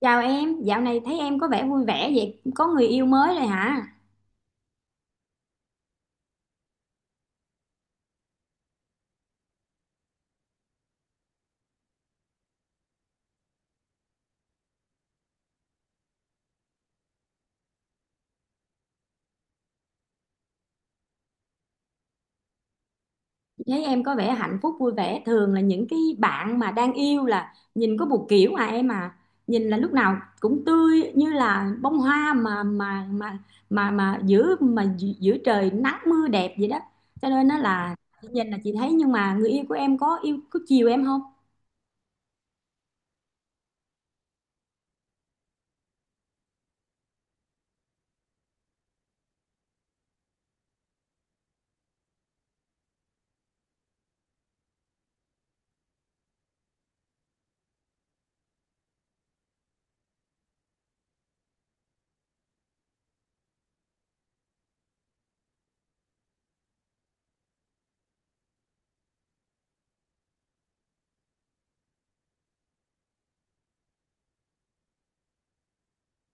Chào em, dạo này thấy em có vẻ vui vẻ vậy, có người yêu mới rồi hả? Thấy em có vẻ hạnh phúc vui vẻ, thường là những cái bạn mà đang yêu là nhìn có một kiểu à em à, nhìn là lúc nào cũng tươi như là bông hoa mà giữa mà gi- giữa trời nắng mưa đẹp vậy đó. Cho nên nó là chị nhìn là chị thấy, nhưng mà người yêu của em có yêu có chiều em không?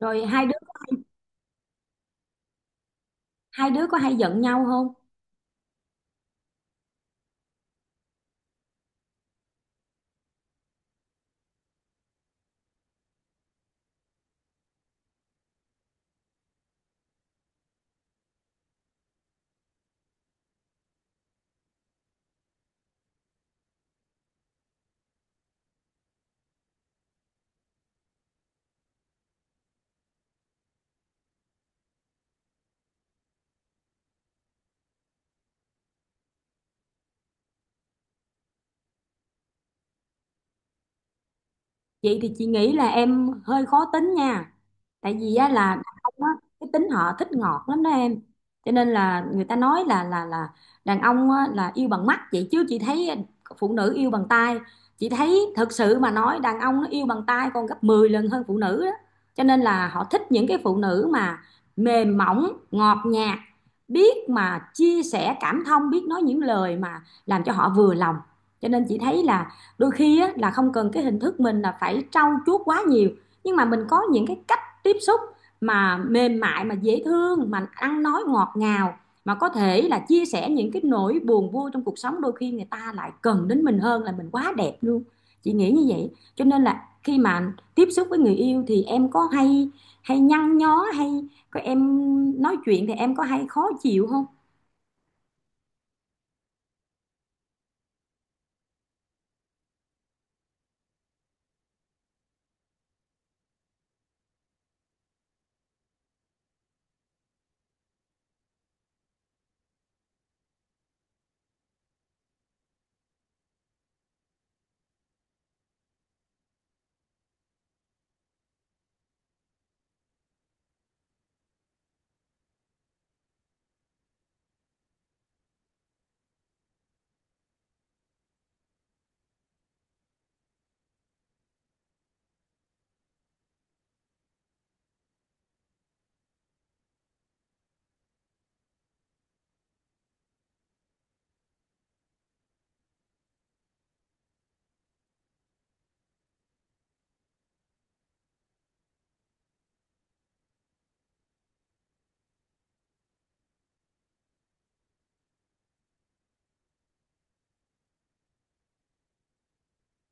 Rồi hai đứa có hay giận nhau không? Vậy thì chị nghĩ là em hơi khó tính nha. Tại vì á, là đàn ông á, cái tính họ thích ngọt lắm đó em, cho nên là người ta nói là đàn ông á, là yêu bằng mắt, vậy chứ chị thấy phụ nữ yêu bằng tai. Chị thấy thực sự mà nói đàn ông nó yêu bằng tai còn gấp 10 lần hơn phụ nữ đó. Cho nên là họ thích những cái phụ nữ mà mềm mỏng ngọt nhạt, biết mà chia sẻ cảm thông, biết nói những lời mà làm cho họ vừa lòng. Cho nên chị thấy là đôi khi á, là không cần cái hình thức mình là phải trau chuốt quá nhiều, nhưng mà mình có những cái cách tiếp xúc mà mềm mại, mà dễ thương, mà ăn nói ngọt ngào, mà có thể là chia sẻ những cái nỗi buồn vui trong cuộc sống, đôi khi người ta lại cần đến mình hơn là mình quá đẹp luôn. Chị nghĩ như vậy. Cho nên là khi mà tiếp xúc với người yêu thì em có hay hay nhăn nhó hay có em nói chuyện thì em có hay khó chịu không?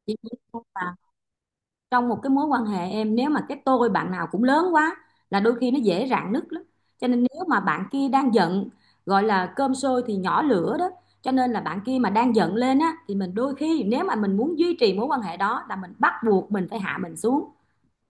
Chị nghĩ không? Và trong một cái mối quan hệ em, nếu mà cái tôi bạn nào cũng lớn quá là đôi khi nó dễ rạn nứt lắm. Cho nên nếu mà bạn kia đang giận, gọi là cơm sôi thì nhỏ lửa đó. Cho nên là bạn kia mà đang giận lên á, thì mình đôi khi nếu mà mình muốn duy trì mối quan hệ đó là mình bắt buộc mình phải hạ mình xuống.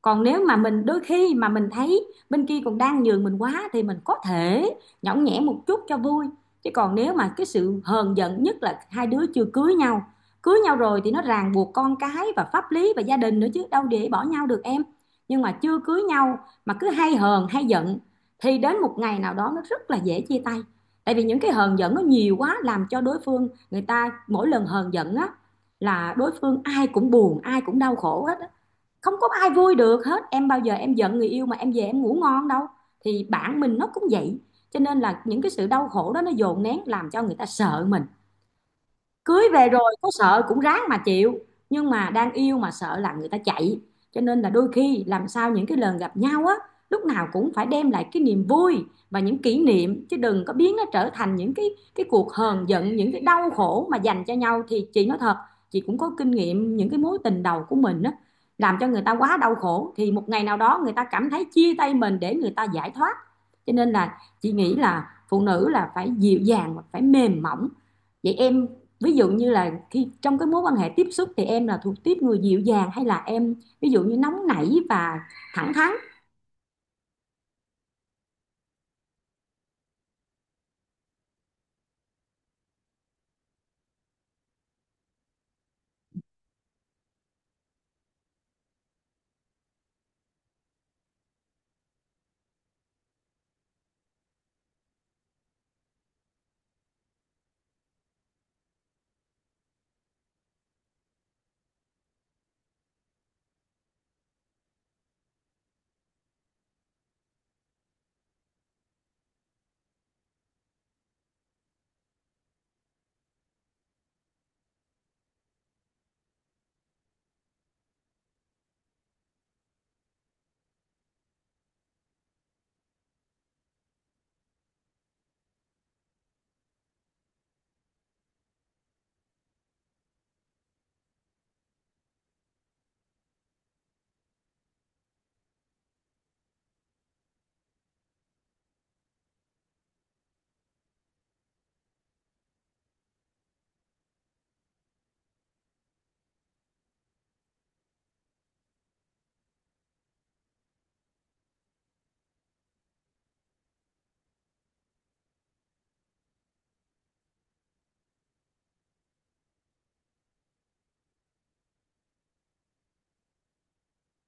Còn nếu mà mình đôi khi mà mình thấy bên kia còn đang nhường mình quá thì mình có thể nhõng nhẽo một chút cho vui. Chứ còn nếu mà cái sự hờn giận, nhất là hai đứa chưa cưới nhau, cưới nhau rồi thì nó ràng buộc con cái và pháp lý và gia đình nữa chứ đâu để bỏ nhau được em. Nhưng mà chưa cưới nhau mà cứ hay hờn hay giận thì đến một ngày nào đó nó rất là dễ chia tay. Tại vì những cái hờn giận nó nhiều quá làm cho đối phương, người ta mỗi lần hờn giận á, là đối phương ai cũng buồn, ai cũng đau khổ hết, không có ai vui được hết em. Bao giờ em giận người yêu mà em về em ngủ ngon đâu, thì bản mình nó cũng vậy. Cho nên là những cái sự đau khổ đó nó dồn nén làm cho người ta sợ mình. Cưới về rồi có sợ cũng ráng mà chịu, nhưng mà đang yêu mà sợ là người ta chạy. Cho nên là đôi khi làm sao những cái lần gặp nhau á, lúc nào cũng phải đem lại cái niềm vui và những kỷ niệm, chứ đừng có biến nó trở thành những cái cuộc hờn giận, những cái đau khổ mà dành cho nhau. Thì chị nói thật, chị cũng có kinh nghiệm những cái mối tình đầu của mình á, làm cho người ta quá đau khổ thì một ngày nào đó người ta cảm thấy chia tay mình để người ta giải thoát. Cho nên là chị nghĩ là phụ nữ là phải dịu dàng và phải mềm mỏng. Vậy em, ví dụ như là khi trong cái mối quan hệ tiếp xúc thì em là thuộc tiếp người dịu dàng hay là em ví dụ như nóng nảy và thẳng thắn?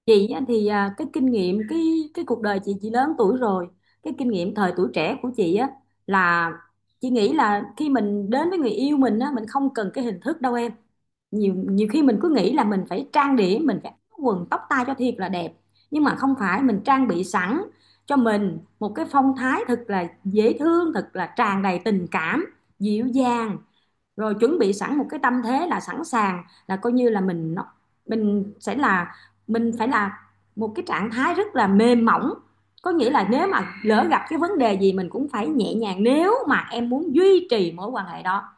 Chị á thì à, cái kinh nghiệm, cái cuộc đời chị lớn tuổi rồi, cái kinh nghiệm thời tuổi trẻ của chị á, là chị nghĩ là khi mình đến với người yêu mình á, mình không cần cái hình thức đâu em. Nhiều nhiều khi mình cứ nghĩ là mình phải trang điểm, mình phải áo quần tóc tai cho thiệt là đẹp, nhưng mà không phải. Mình trang bị sẵn cho mình một cái phong thái thật là dễ thương, thật là tràn đầy tình cảm, dịu dàng, rồi chuẩn bị sẵn một cái tâm thế là sẵn sàng, là coi như là mình nó, mình sẽ là, mình phải là một cái trạng thái rất là mềm mỏng. Có nghĩa là nếu mà lỡ gặp cái vấn đề gì mình cũng phải nhẹ nhàng, nếu mà em muốn duy trì mối quan hệ đó.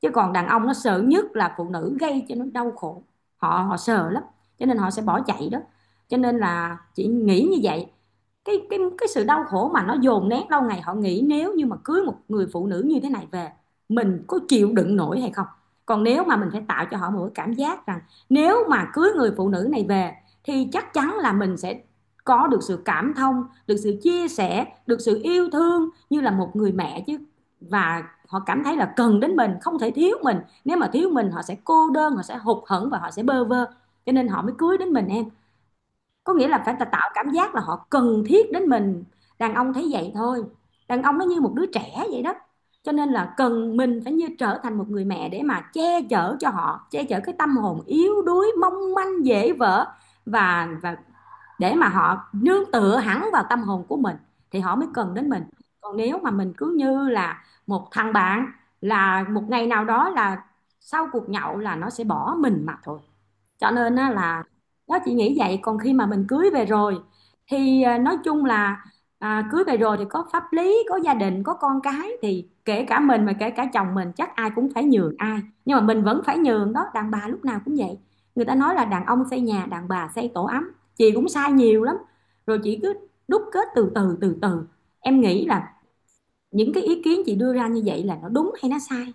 Chứ còn đàn ông nó sợ nhất là phụ nữ gây cho nó đau khổ, họ họ sợ lắm, cho nên họ sẽ bỏ chạy đó. Cho nên là chị nghĩ như vậy. Cái sự đau khổ mà nó dồn nén lâu ngày, họ nghĩ nếu như mà cưới một người phụ nữ như thế này về, mình có chịu đựng nổi hay không. Còn nếu mà mình phải tạo cho họ một cái cảm giác rằng nếu mà cưới người phụ nữ này về thì chắc chắn là mình sẽ có được sự cảm thông, được sự chia sẻ, được sự yêu thương như là một người mẹ chứ. Và họ cảm thấy là cần đến mình, không thể thiếu mình. Nếu mà thiếu mình họ sẽ cô đơn, họ sẽ hụt hẫng và họ sẽ bơ vơ. Cho nên họ mới cưới đến mình em. Có nghĩa là phải tạo cảm giác là họ cần thiết đến mình. Đàn ông thấy vậy thôi, đàn ông nó như một đứa trẻ vậy đó. Cho nên là cần mình phải như trở thành một người mẹ để mà che chở cho họ, che chở cái tâm hồn yếu đuối mong manh dễ vỡ, và để mà họ nương tựa hẳn vào tâm hồn của mình, thì họ mới cần đến mình. Còn nếu mà mình cứ như là một thằng bạn là một ngày nào đó là sau cuộc nhậu là nó sẽ bỏ mình mà thôi. Cho nên á là đó, chị nghĩ vậy. Còn khi mà mình cưới về rồi thì nói chung là, cưới về rồi thì có pháp lý, có gia đình, có con cái, thì kể cả mình mà kể cả chồng mình, chắc ai cũng phải nhường ai, nhưng mà mình vẫn phải nhường đó, đàn bà lúc nào cũng vậy. Người ta nói là đàn ông xây nhà, đàn bà xây tổ ấm. Chị cũng sai nhiều lắm rồi, chị cứ đúc kết từ từ. Em nghĩ là những cái ý kiến chị đưa ra như vậy là nó đúng hay nó sai?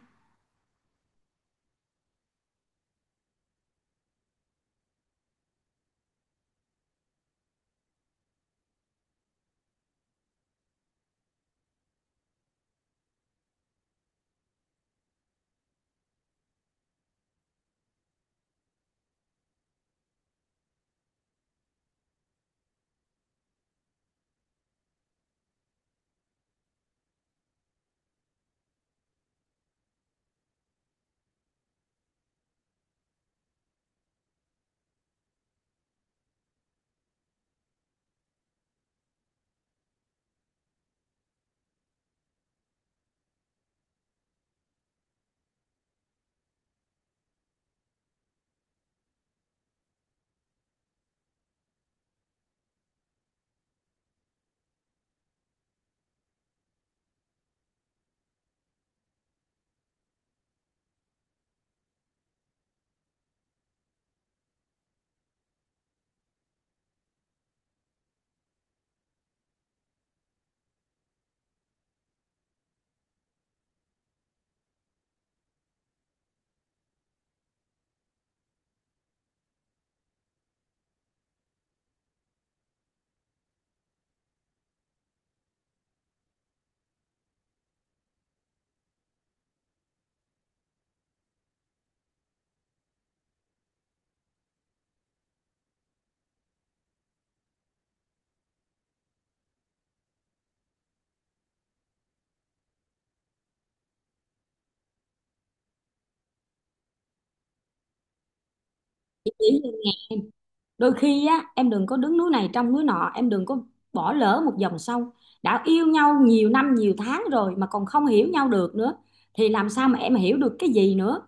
Đôi khi á, em đừng có đứng núi này trông núi nọ, em đừng có bỏ lỡ một dòng sông. Đã yêu nhau nhiều năm nhiều tháng rồi mà còn không hiểu nhau được nữa thì làm sao mà em hiểu được cái gì nữa.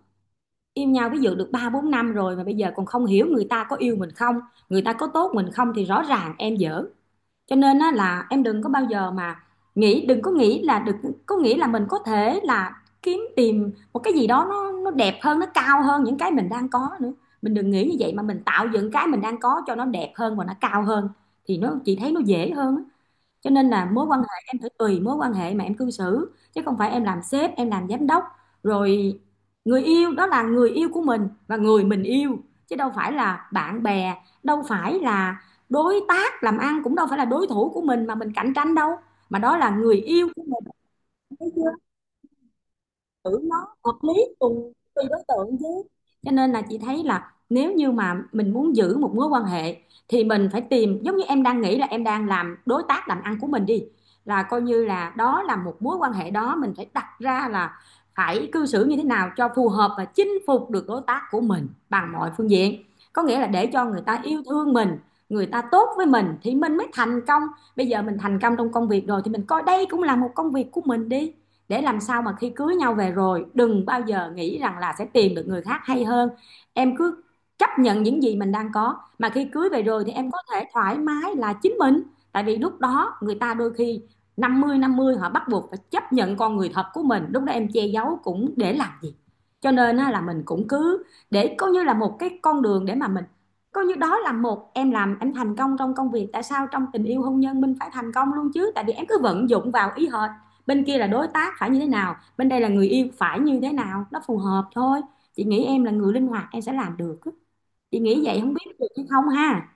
Yêu nhau ví dụ được ba bốn năm rồi mà bây giờ còn không hiểu người ta có yêu mình không, người ta có tốt mình không, thì rõ ràng em dở. Cho nên á, là em đừng có bao giờ mà nghĩ, đừng có nghĩ là được, có nghĩ là mình có thể là kiếm tìm một cái gì đó nó đẹp hơn, nó cao hơn những cái mình đang có nữa. Mình đừng nghĩ như vậy mà mình tạo dựng cái mình đang có cho nó đẹp hơn và nó cao hơn, thì nó chị thấy nó dễ hơn á. Cho nên là mối quan hệ em phải tùy mối quan hệ mà em cư xử, chứ không phải em làm sếp, em làm giám đốc. Rồi, người yêu đó là người yêu của mình và người mình yêu, chứ đâu phải là bạn bè, đâu phải là đối tác làm ăn, cũng đâu phải là đối thủ của mình mà mình cạnh tranh đâu, mà đó là người yêu của mình. Xử nó hợp lý cùng tùy đối tượng chứ. Cho nên là chị thấy là nếu như mà mình muốn giữ một mối quan hệ thì mình phải tìm, giống như em đang nghĩ là em đang làm đối tác làm ăn của mình đi, là coi như là đó là một mối quan hệ, đó mình phải đặt ra là phải cư xử như thế nào cho phù hợp và chinh phục được đối tác của mình bằng mọi phương diện. Có nghĩa là để cho người ta yêu thương mình, người ta tốt với mình thì mình mới thành công. Bây giờ mình thành công trong công việc rồi thì mình coi đây cũng là một công việc của mình đi, để làm sao mà khi cưới nhau về rồi đừng bao giờ nghĩ rằng là sẽ tìm được người khác hay hơn. Em cứ chấp nhận những gì mình đang có, mà khi cưới về rồi thì em có thể thoải mái là chính mình. Tại vì lúc đó người ta đôi khi 50/50, họ bắt buộc phải chấp nhận con người thật của mình, lúc đó em che giấu cũng để làm gì. Cho nên là mình cũng cứ để coi như là một cái con đường để mà mình coi như đó là một, em làm em thành công trong công việc, tại sao trong tình yêu hôn nhân mình phải thành công luôn chứ. Tại vì em cứ vận dụng vào ý hệt, bên kia là đối tác phải như thế nào, bên đây là người yêu phải như thế nào, nó phù hợp thôi. Chị nghĩ em là người linh hoạt, em sẽ làm được. Chị nghĩ vậy, không biết được hay không ha.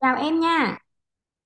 Chào em nha.